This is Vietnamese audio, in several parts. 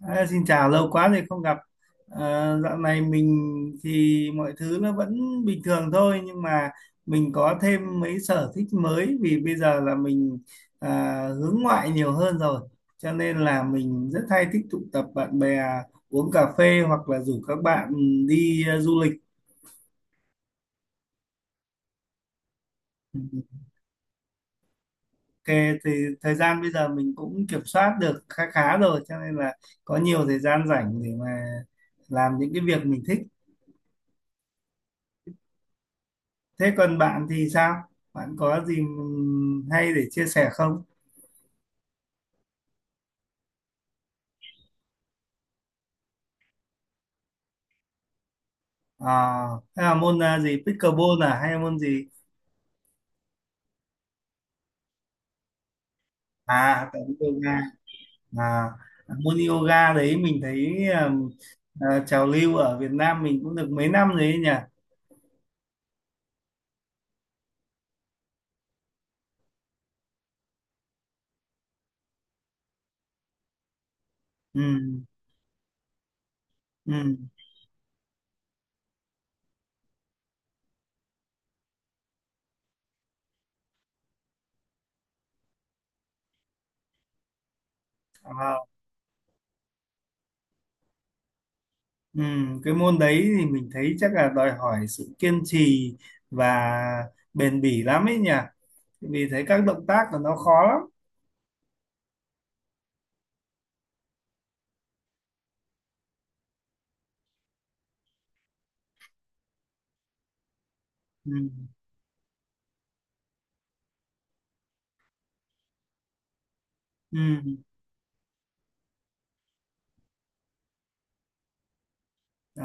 Xin chào, lâu quá rồi không gặp. Dạo này mình thì mọi thứ nó vẫn bình thường thôi, nhưng mà mình có thêm mấy sở thích mới vì bây giờ là mình hướng ngoại nhiều hơn rồi. Cho nên là mình rất hay thích tụ tập bạn bè uống cà phê hoặc là rủ các bạn đi du lịch. Ok, thì thời gian bây giờ mình cũng kiểm soát được khá khá rồi, cho nên là có nhiều thời gian rảnh để mà làm những cái việc mình thích. Thế còn bạn thì sao? Bạn có gì hay để chia sẻ không? À, thế là môn gì? Pickleball à? Hay là môn gì? À, tập yoga. À, môn yoga đấy mình thấy trào lưu ở Việt Nam mình cũng được mấy năm rồi ấy nhỉ? Ừ, ừ, à, ừ. Cái môn đấy thì mình thấy chắc là đòi hỏi sự kiên trì và bền bỉ lắm ấy nhỉ? Vì thấy các động tác của nó khó lắm. Ừ, ừ. Ờ,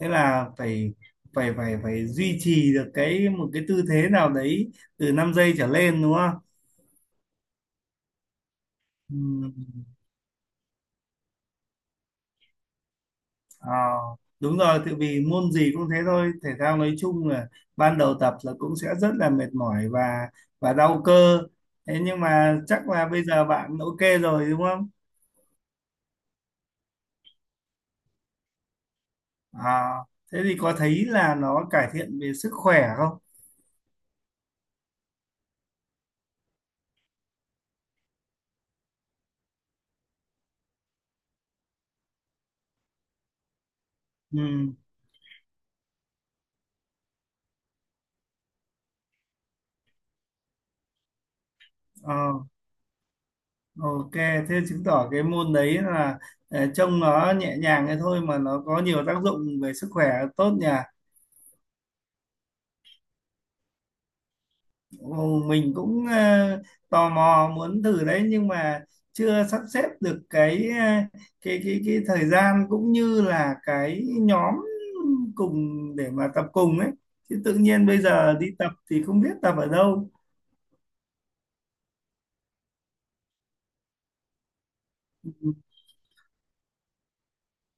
thế là phải phải phải phải duy trì được cái một cái tư thế nào đấy từ 5 giây trở lên đúng không? Ừm, ờ, đúng rồi, tại vì môn gì cũng thế thôi, thể thao nói chung là ban đầu tập là cũng sẽ rất là mệt mỏi và đau cơ. Thế nhưng mà chắc là bây giờ bạn ok rồi đúng không? À, thế thì có thấy là nó cải thiện về sức khỏe không? Ừm, ờ. Ok, thế chứng tỏ cái môn đấy là ờ, trông nó nhẹ nhàng thế thôi mà nó có nhiều tác dụng về sức khỏe tốt nhỉ. Ồ, mình cũng tò mò muốn thử đấy, nhưng mà chưa sắp xếp được cái ờ, cái thời gian cũng như là cái nhóm cùng để mà tập cùng ấy. Chứ tự nhiên bây giờ đi tập thì không biết tập ở đâu.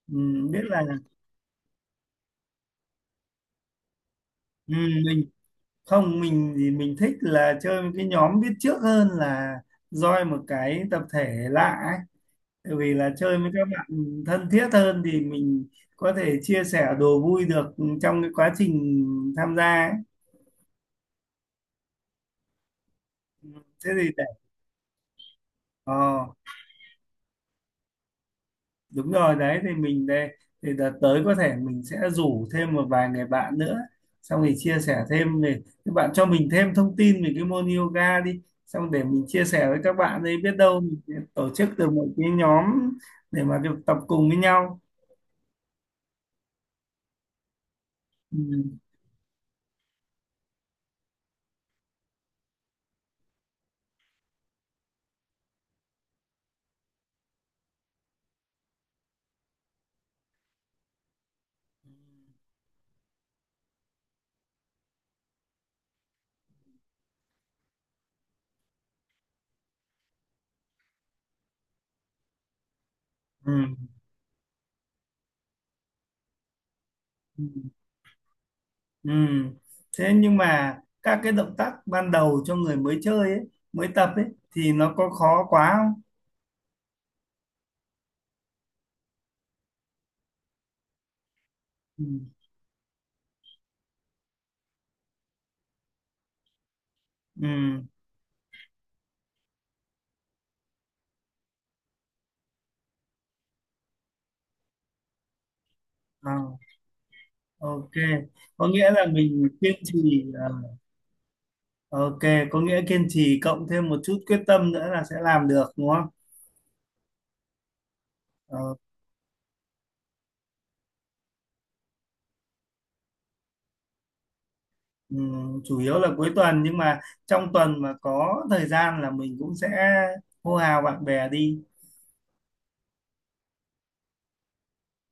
Ừ, biết là ừ, mình không, mình thì mình thích là chơi với cái nhóm biết trước hơn là join một cái tập thể lạ ấy. Tại vì là chơi với các bạn thân thiết hơn thì mình có thể chia sẻ đồ vui được trong cái quá trình tham gia ấy. Thế thì để ờ đúng rồi đấy, thì mình đây thì đợt tới có thể mình sẽ rủ thêm một vài người bạn nữa, xong thì chia sẻ thêm về các bạn cho mình thêm thông tin về cái môn yoga đi, xong để mình chia sẻ với các bạn ấy biết đâu mình sẽ tổ chức được một cái nhóm để mà được tập cùng với nhau. Ừ. Ừ. Ừ. Ừ. Thế nhưng mà các cái động tác ban đầu cho người mới chơi ấy, mới tập ấy, thì nó có khó quá không? Ừ. Ừ. À, ok, có nghĩa là mình kiên trì ok, có nghĩa kiên trì cộng thêm một chút quyết tâm nữa là sẽ làm được đúng không? Ờ, chủ yếu là cuối tuần nhưng mà trong tuần mà có thời gian là mình cũng sẽ hô hào bạn bè đi.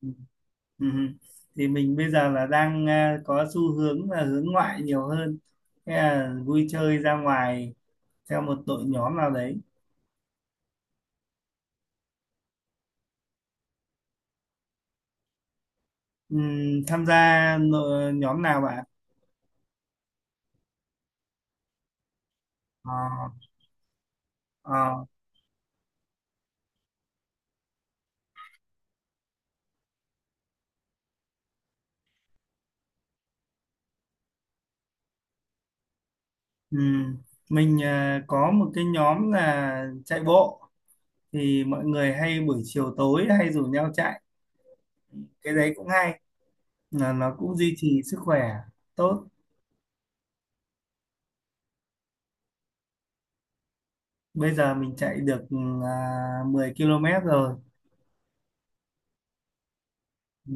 Ừ, ừ. Thì mình bây giờ là đang có xu hướng là hướng ngoại nhiều hơn, thế là vui chơi ra ngoài theo một đội nhóm nào đấy. Tham gia nhóm nào bạn? Ờ, ờ, ừm. Mình có một cái nhóm là chạy bộ. Thì mọi người hay buổi chiều tối hay rủ nhau chạy, cái đấy cũng hay là nó cũng duy trì sức khỏe tốt. Bây giờ mình chạy được 10 km rồi. Ừ.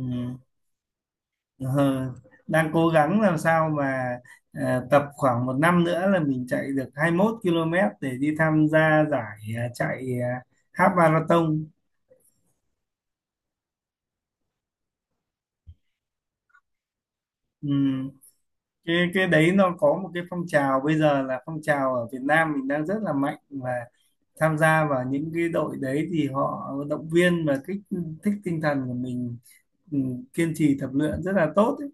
Ờ, đang cố gắng làm sao mà tập khoảng một năm nữa là mình chạy được 21 km để đi tham gia giải chạy half marathon. Ừ. Cái đấy nó có một cái phong trào bây giờ, là phong trào ở Việt Nam mình đang rất là mạnh, và tham gia vào những cái đội đấy thì họ động viên và kích thích tinh thần của mình, ừ, kiên trì tập luyện rất là tốt ấy.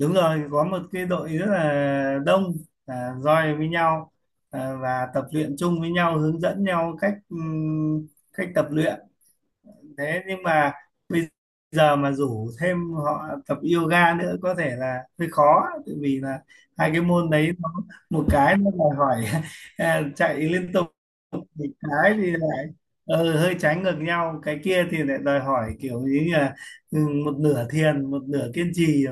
Đúng rồi, có một cái đội rất là đông roi với nhau và tập luyện chung với nhau, hướng dẫn nhau cách ừ, cách tập luyện. Thế nhưng mà bây giờ mà rủ thêm họ tập yoga nữa có thể là hơi khó, tại vì là hai cái môn đấy nó, một cái nó đòi hỏi chạy liên tục, một cái thì lại ờ, hơi trái ngược nhau, cái kia thì lại đòi hỏi kiểu như là ừ, một nửa thiền một nửa kiên trì.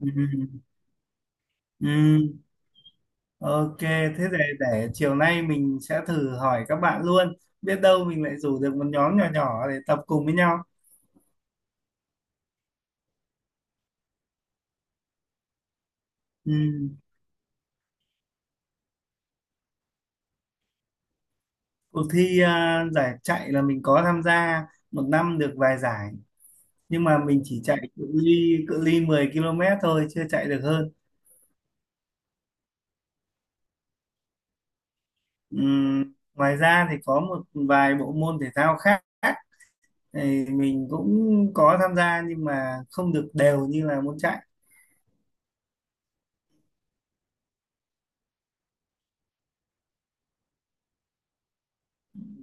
Ừ, ừ, ok, thế để chiều nay mình sẽ thử hỏi các bạn luôn, biết đâu mình lại rủ được một nhóm nhỏ nhỏ để tập cùng với nhau. Ừ. Cuộc thi giải chạy là mình có tham gia, một năm được vài giải, nhưng mà mình chỉ chạy cự ly 10 km thôi, chưa chạy được hơn. Ngoài ra thì có một vài bộ môn thể thao khác thì mình cũng có tham gia nhưng mà không được đều như là môn chạy.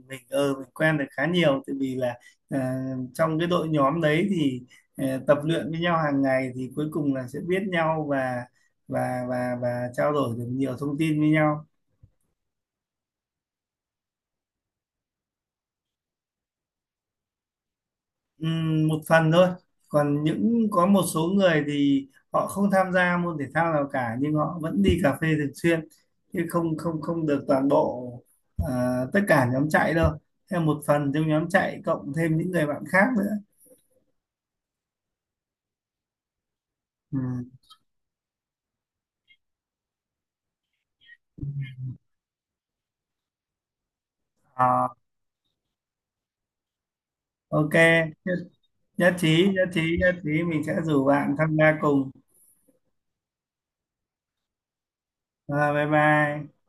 Mình ờ mình quen được khá nhiều tại vì là à, trong cái đội nhóm đấy thì tập luyện với nhau hàng ngày thì cuối cùng là sẽ biết nhau và trao đổi được nhiều thông tin với nhau. Một phần thôi, còn những có một số người thì họ không tham gia môn thể thao nào cả nhưng họ vẫn đi cà phê thường xuyên, chứ không không không được toàn bộ tất cả nhóm chạy đâu, theo một phần trong nhóm chạy cộng thêm những người bạn khác nữa. Ừm, à, ok, nhất, nhất trí, mình sẽ rủ bạn tham gia cùng. À, bye bye.